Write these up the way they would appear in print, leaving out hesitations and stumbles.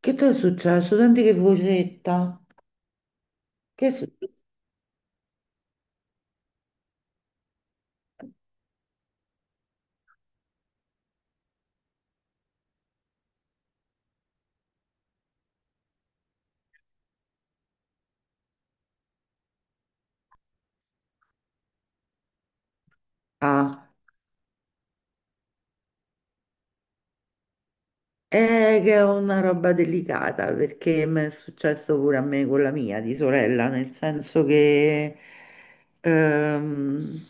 Che ti è successo? Senti che vocetta. Che è successo? Ah, è che è una roba delicata perché mi è successo pure a me con la mia di sorella, nel senso che ehm,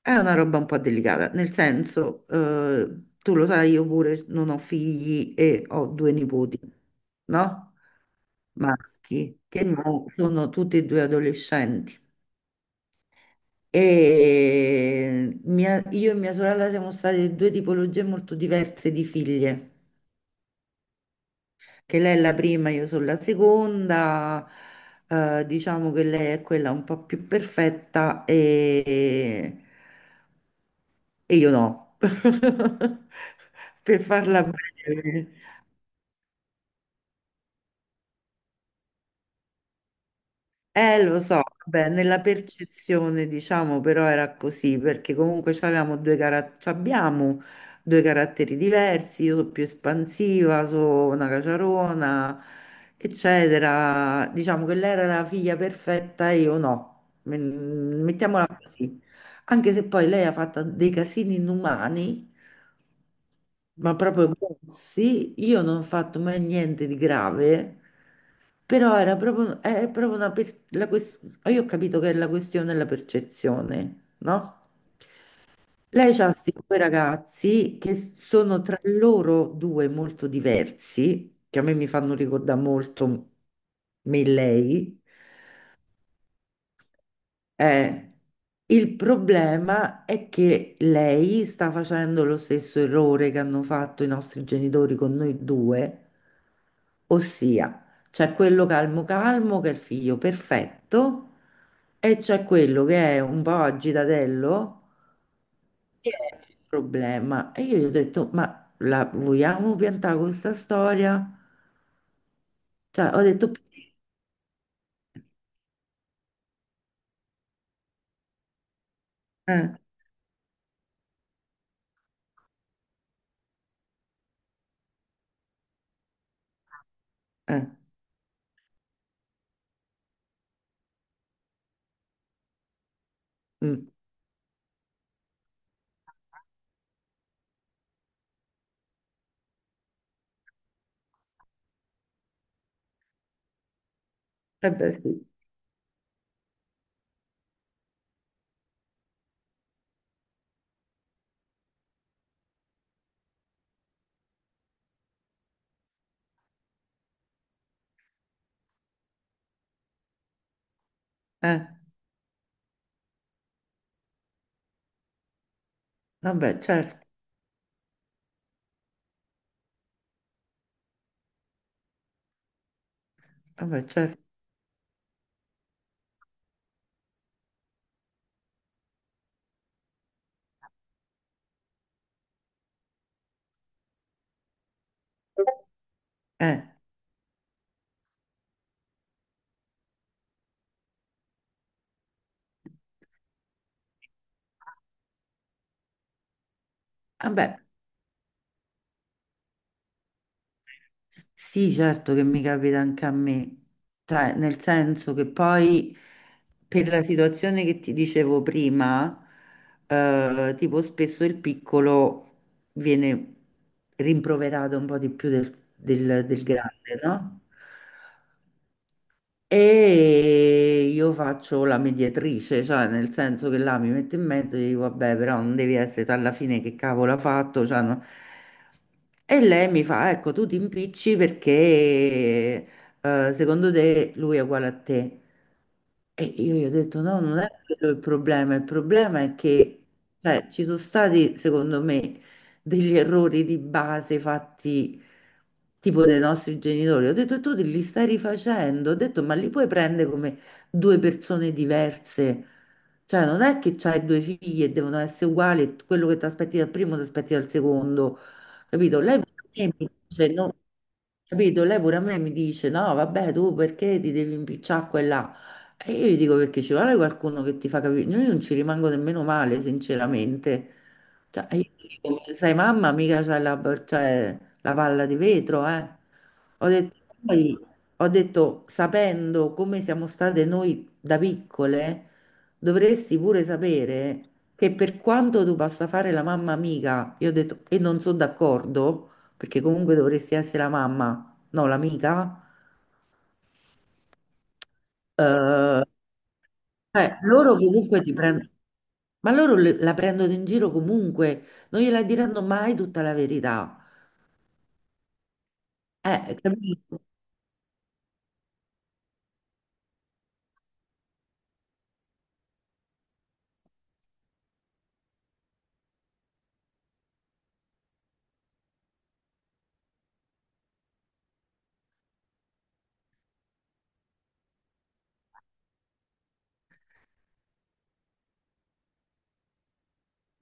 è una roba un po' delicata, nel senso, tu lo sai, io pure non ho figli e ho due nipoti, no? Maschi, che mo sono tutti e due adolescenti. Io e mia sorella siamo state due tipologie molto diverse di figlie, che lei è la prima, io sono la seconda, diciamo che lei è quella un po' più perfetta e io no. Per farla breve. Lo so, vabbè, nella percezione, diciamo, però era così, perché comunque c'abbiamo due caratteri diversi, io sono più espansiva, sono una caciarona, eccetera. Diciamo che lei era la figlia perfetta e io no, mm, mettiamola così. Anche se poi lei ha fatto dei casini inumani, ma proprio grossi, io non ho fatto mai niente di grave, però era proprio, è proprio una per- la ques- ah, io ho capito che è la questione della percezione, no? Lei ha questi due ragazzi che sono tra loro due molto diversi, che a me mi fanno ricordare molto me e lei, eh, il problema è che lei sta facendo lo stesso errore che hanno fatto i nostri genitori con noi due, ossia c'è quello calmo calmo che è il figlio perfetto e c'è quello che è un po' agitatello che è il problema. E io gli ho detto, ma la vogliamo piantare con questa storia? Cioè, ho detto, eh, eh, mm, eh beh sì, eh, vabbè certo, vabbè certo, eh. Vabbè, sì, certo che mi capita anche a me, cioè nel senso che poi per la situazione che ti dicevo prima, tipo spesso il piccolo viene rimproverato un po' di più del grande, no? E io faccio la mediatrice, cioè nel senso che là mi metto in mezzo e dico, vabbè, però non devi essere tu alla fine che cavolo ha fatto. Cioè, no. E lei mi fa, ecco, tu ti impicci perché secondo te lui è uguale a te. E io gli ho detto: no, non è quello il problema. Il problema è che cioè, ci sono stati, secondo me, degli errori di base fatti tipo dai nostri genitori. Ho detto: tu li stai rifacendo. Ho detto: ma li puoi prendere come due persone diverse? Cioè, non è che c'hai due figli e devono essere uguali, e quello che ti aspetti dal primo ti aspetti dal secondo, capito? Lei pure a me mi dice: no, capito? Lei pure a me mi dice: no, vabbè, tu perché ti devi impicciare a quella? E io gli dico perché ci vuole qualcuno che ti fa capire. Io non ci rimango nemmeno male, sinceramente. Cioè, io gli dico, sai, mamma, c'hai la palla di vetro, eh. Ho detto, poi, ho detto, sapendo come siamo state noi da piccole, dovresti pure sapere che per quanto tu possa fare la mamma amica, io ho detto, e non sono d'accordo, perché comunque dovresti essere la mamma, no, l'amica. eh, Cioè, loro comunque ti prendono, ma la prendono in giro comunque, non gliela diranno mai tutta la verità. Capito?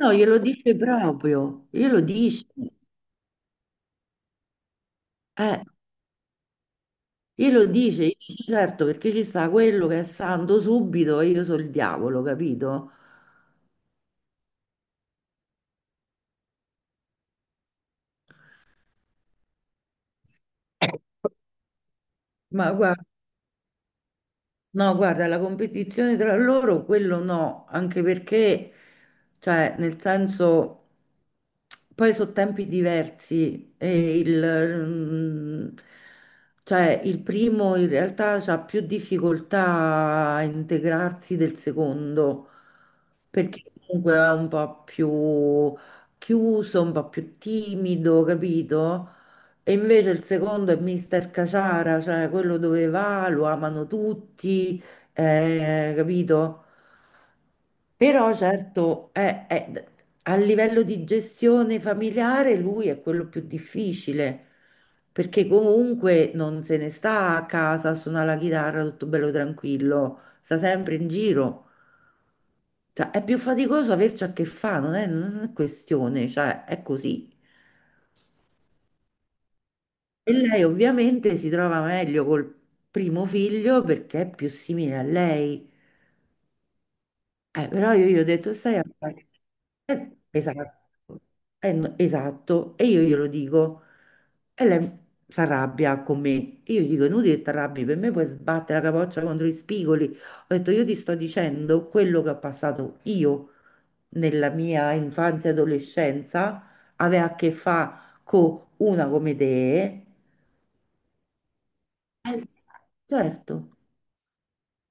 No, glielo dice proprio, eh, glielo dice, gli dice, certo, perché ci sta quello che è santo subito e io sono il diavolo, capito? Ma guarda. No, guarda, la competizione tra loro, quello no, anche perché, cioè, nel senso, poi sono tempi diversi cioè, il primo in realtà ha più difficoltà a integrarsi del secondo, perché comunque è un po' più chiuso, un po' più timido, capito? E invece il secondo è Mister Caciara, cioè quello dove va, lo amano tutti, capito? Però certo, a livello di gestione familiare lui è quello più difficile, perché comunque non se ne sta a casa a suonare la chitarra tutto bello tranquillo, sta sempre in giro. Cioè, è più faticoso averci a che fare, non è questione, cioè è così. E lei ovviamente si trova meglio col primo figlio perché è più simile a lei. Però io gli ho detto, stai a fare... esatto. No, esatto. E io glielo dico. E lei si arrabbia con me. Io gli dico, inutile che ti arrabbi, per me puoi sbattere la capoccia contro i spigoli. Ho detto, io ti sto dicendo quello che ho passato io nella mia infanzia e adolescenza aveva a che fare con una come te. Sì, certo.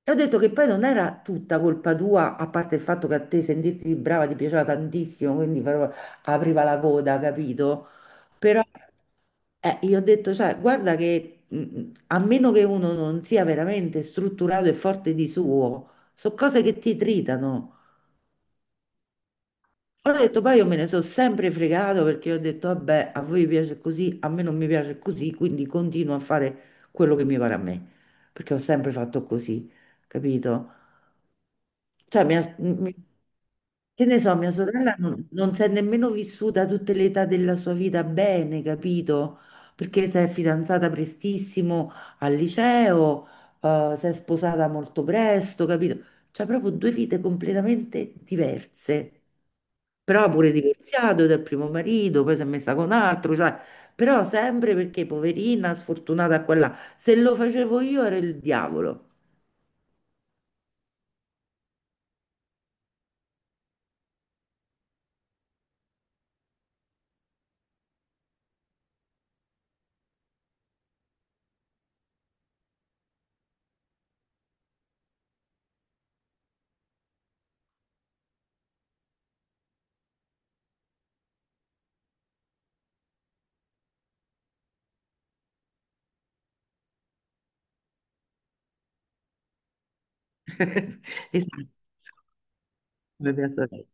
E ho detto che poi non era tutta colpa tua, a parte il fatto che a te sentirti brava ti piaceva tantissimo, quindi però apriva la coda, capito? Però io ho detto, cioè, guarda che a meno che uno non sia veramente strutturato e forte di suo, sono cose che ti tritano. Allora ho detto, poi io me ne sono sempre fregato perché ho detto, vabbè, a voi piace così, a me non mi piace così, quindi continuo a fare quello che mi pare a me, perché ho sempre fatto così, capito? Cioè, mia- mi- che ne so, mia sorella non si è nemmeno vissuta tutte le età della sua vita bene, capito? Perché si è fidanzata prestissimo al liceo, si è sposata molto presto, capito? Cioè, proprio due vite completamente diverse. Però pure divorziato dal primo marito, poi si è messa con altro, cioè, però sempre perché poverina, sfortunata qua e là. Se lo facevo io era il diavolo. Esatto, come mia sorella.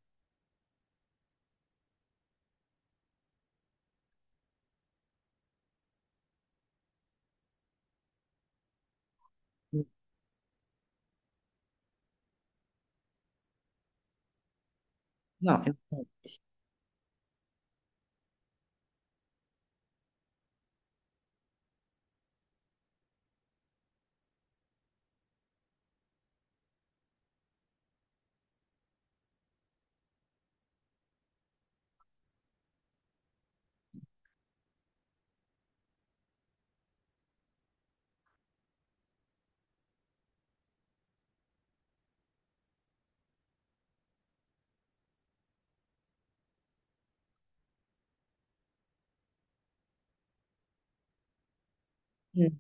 No, infatti. Mm.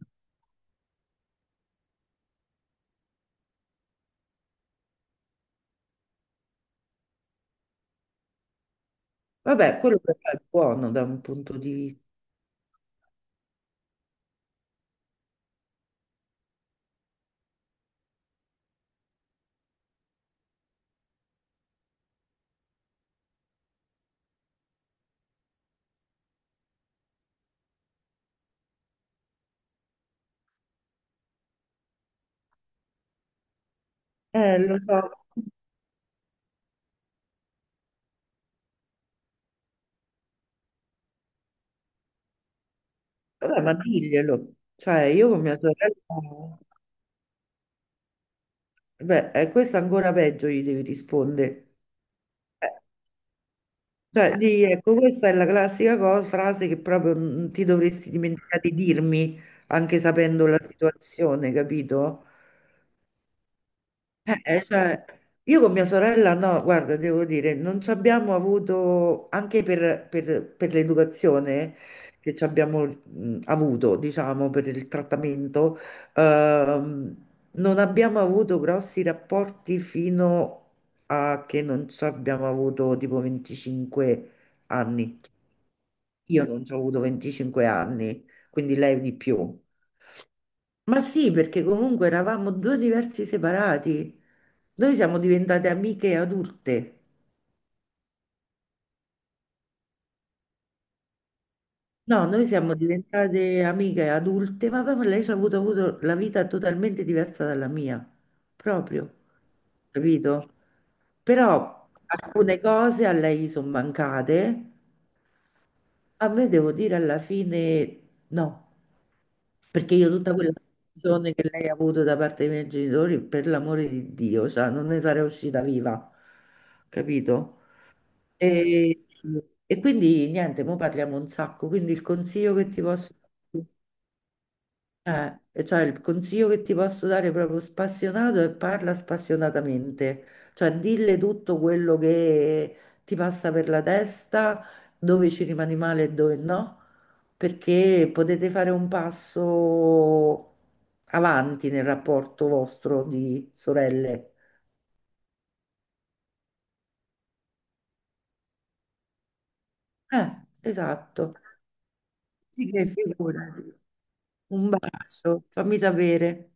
Vabbè, quello però è buono da un punto di vista. Lo so, vabbè, ma diglielo. Cioè, io con mia sorella, beh, questa ancora peggio gli devi rispondere. Eh, Cioè, di, ecco, questa è la classica cosa, frase che proprio non ti dovresti dimenticare di dirmi, anche sapendo la situazione, capito? Cioè, io con mia sorella, no, guarda, devo dire, non ci abbiamo avuto, anche per l'educazione che ci abbiamo avuto, diciamo, per il trattamento, ehm, non abbiamo avuto grossi rapporti fino a che non ci abbiamo avuto tipo 25 anni. Io non ci ho avuto 25 anni, quindi lei di più. Ma sì, perché comunque eravamo due universi separati. Noi siamo diventate amiche adulte. No, noi siamo diventate amiche adulte, ma proprio lei ci ha avuto la vita totalmente diversa dalla mia, proprio, capito? Però alcune cose a lei sono mancate, a me devo dire alla fine no. Perché io tutta quella attenzione che lei ha avuto da parte dei miei genitori, per l'amore di Dio, cioè, non ne sarei uscita viva, capito? E, e quindi niente, mo parliamo un sacco, quindi il consiglio che ti posso dare e cioè il consiglio che ti posso dare proprio spassionato è parla spassionatamente, cioè dille tutto quello che ti passa per la testa, dove ci rimani male e dove no, perché potete fare un passo avanti nel rapporto vostro di sorelle. Esatto. Sì, che figurati. Un bacio, fammi sapere.